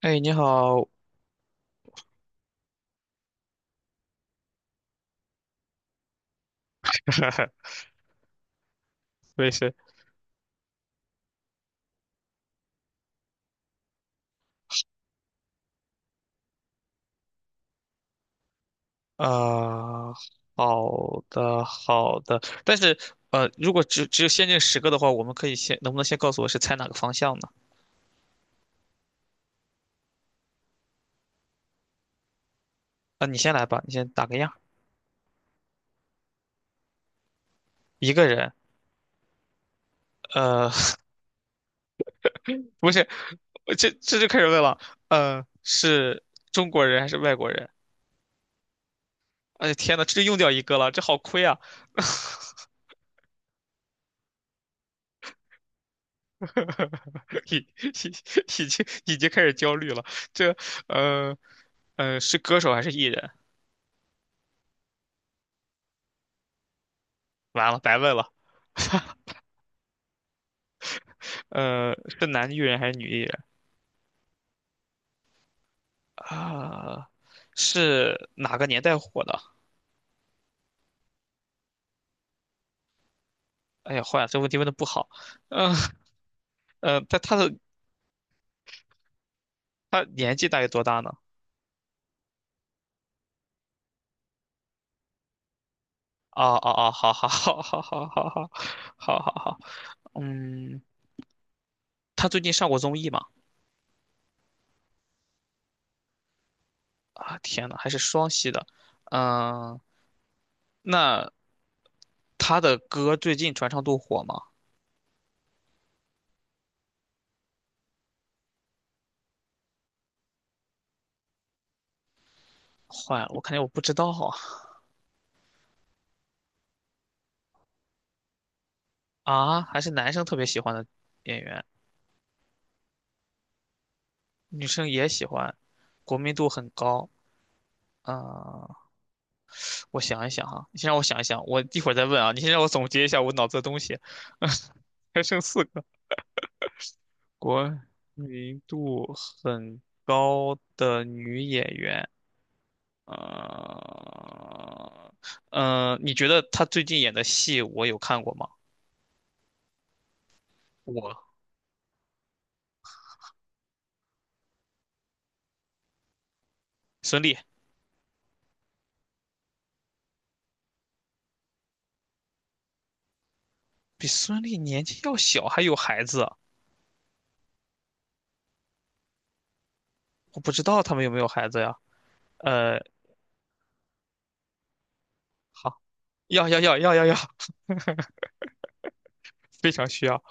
哎，你好，我也是，呃，好的，好的，但是，如果只有限定十个的话，我们可以先，能不能先告诉我是猜哪个方向呢？啊、你先来吧，你先打个样。一个人，呃，不是，我这就开始问了。是中国人还是外国人？哎，天呐，这就用掉一个了，这好亏啊！已已已经开始焦虑了。这，呃，是歌手还是艺人？完了，白问了。他 是男艺人还是女艺人啊？是哪个年代火的？哎呀，坏了，这问题问的不好。嗯呃，他他的他年纪大概多大呢？哦哦哦，好好好好好好好好好好。嗯，他最近上过综艺吗？啊，天呐，还是双栖的。嗯，那他的歌最近传唱度火吗？坏了，我肯定我不知道啊。啊，还是男生特别喜欢的演员，女生也喜欢，国民度很高。啊、我想一想哈，你先让我想一想，我一会儿再问啊。你先让我总结一下我脑子的东西，还剩四个。国民度很高的女演员，呃，你觉得她最近演的戏我有看过吗？我孙俪比孙俪年纪要小，还有孩子啊，我不知道他们有没有孩子呀？呃，好，要要要要要要，非常需要，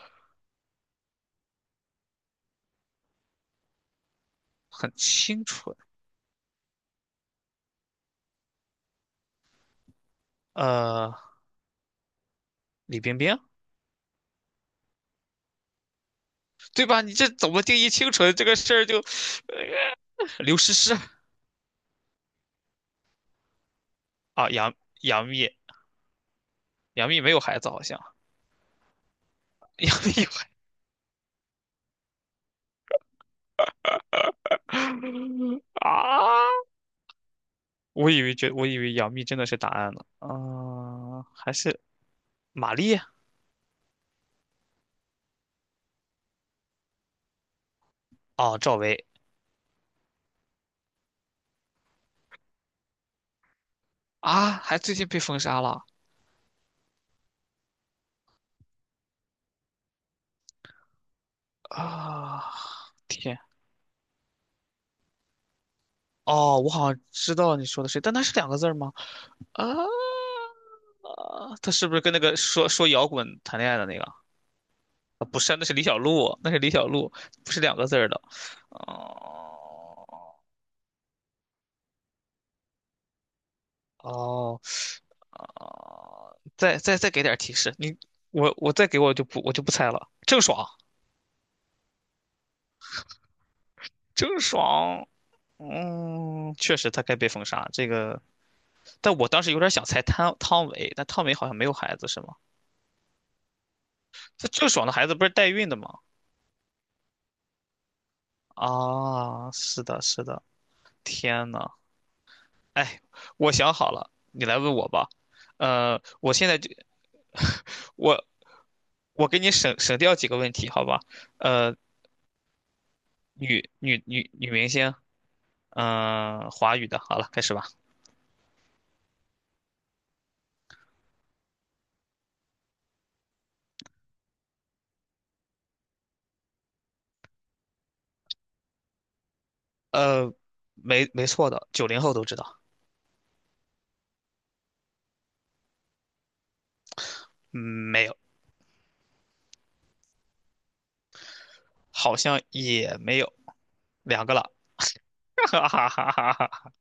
很清纯。呃，李冰冰。对吧？你这怎么定义清纯这个事儿就刘诗诗。啊，杨幂，杨幂没有孩子好像，杨幂有孩子 啊，我以为杨幂真的是答案呢。啊，还是马丽。哦，赵薇。啊，还最近被封杀了。啊，天。哦，我好像知道你说的谁，但他是两个字儿吗？啊，啊他是不是跟那个说摇滚谈恋爱的那个？啊不是，那是李小璐，那是李小璐，不是两个字儿的。哦哦，哦，再给点提示。你我再给我就不猜了。郑爽，郑爽，嗯，确实她该被封杀。这个，但我当时有点想猜汤唯，但汤唯好像没有孩子是吗？这郑爽的孩子不是代孕的吗？啊，是的，是的，天呐。哎，我想好了，你来问我吧。我现在就 我我给你省掉几个问题，好吧？呃，女明星，嗯、华语的，好了，开始吧。呃，没错的，九零后都知道。嗯，没有，好像也没有，两个了，哈哈哈哈哈。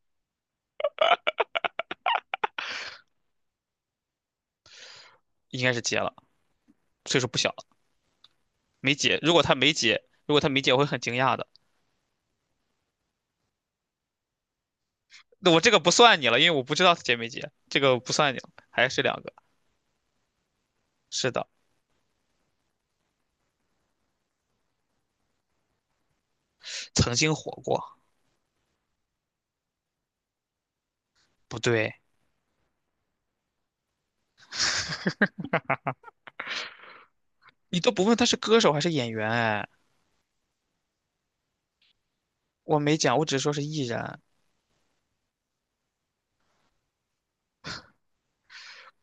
应该是结了，岁数不小了。没结。如果他没结，如果他没结，我会很惊讶的。那我这个不算你了，因为我不知道他结没结，这个不算你了，还是两个。是的，曾经火过。不对，你都不问他是歌手还是演员，哎，我没讲，我只是说是艺人。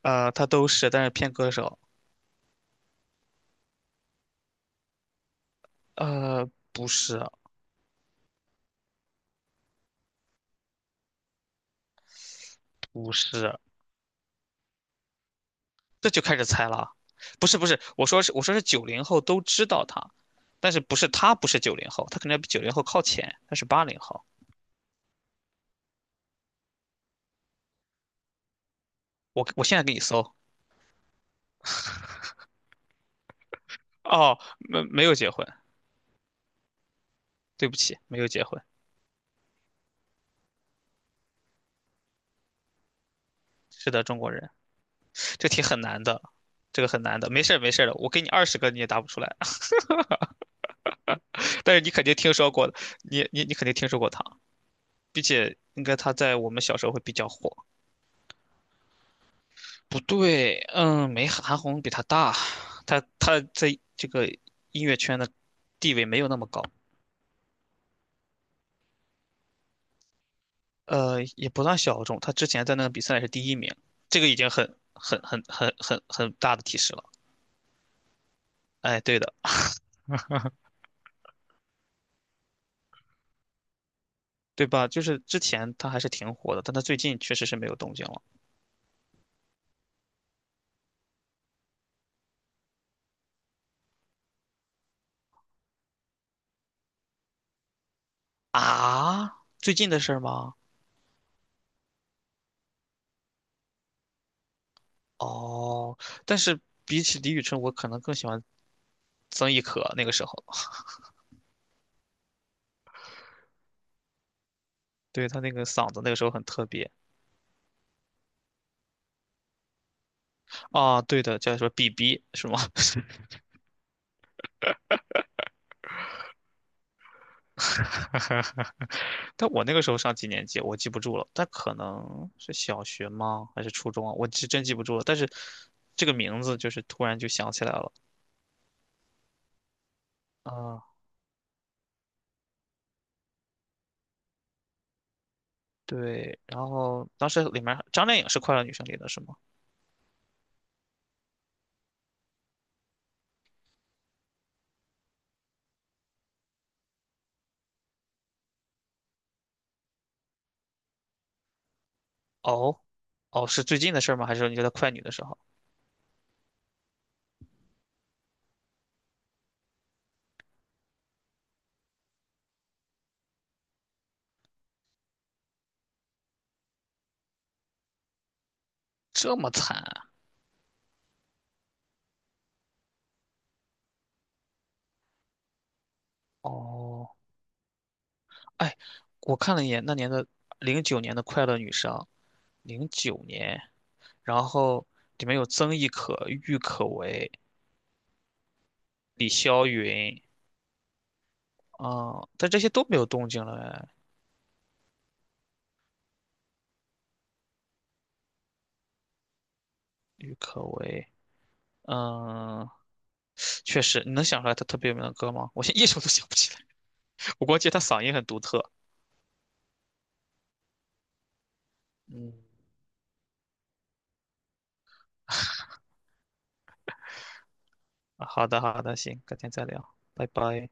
他都是，但是偏歌手。不是，不是，这就开始猜了。不是，不是，我说是，我说是九零后都知道他，但是不是九零后，他可能要比九零后靠前，他是80后。我现在给你搜。哦，没有结婚，对不起，没有结婚。是的，中国人。这题很难的，这个很难的，没事儿没事儿的，我给你20个你也答不出来。但是你肯定听说过的，你肯定听说过他，并且应该他在我们小时候会比较火。不对，嗯，没韩红比他大，他在这个音乐圈的地位没有那么高。也不算小众。他之前在那个比赛是第一名，这个已经很大的提示了。哎，对的。对吧？就是之前他还是挺火的，但他最近确实是没有动静了。啊。最近的事儿吗？哦，但是比起李宇春，我可能更喜欢曾轶可那个时候。对，他那个嗓子那个时候很特别。啊，对的，叫什么 BB 是吗？但我那个时候上几年级，我记不住了，但可能是小学吗？还是初中啊？我是真记不住了。但是这个名字就是突然就想起来了。啊，对。然后当时里面张靓颖是《快乐女生》里的是吗？哦，哦，是最近的事儿吗？还是你觉得快女的时候这么惨啊？哦，哎，我看了一眼那年的零九年的《快乐女生》，零九年，然后里面有曾轶可、郁可唯、李霄云。啊、但这些都没有动静了哎。嗯，确实，你能想出来他特别有名的歌吗？我现在一首都想不起来，我估计他嗓音很独特。嗯。好的，好的，行，改天再聊，拜拜。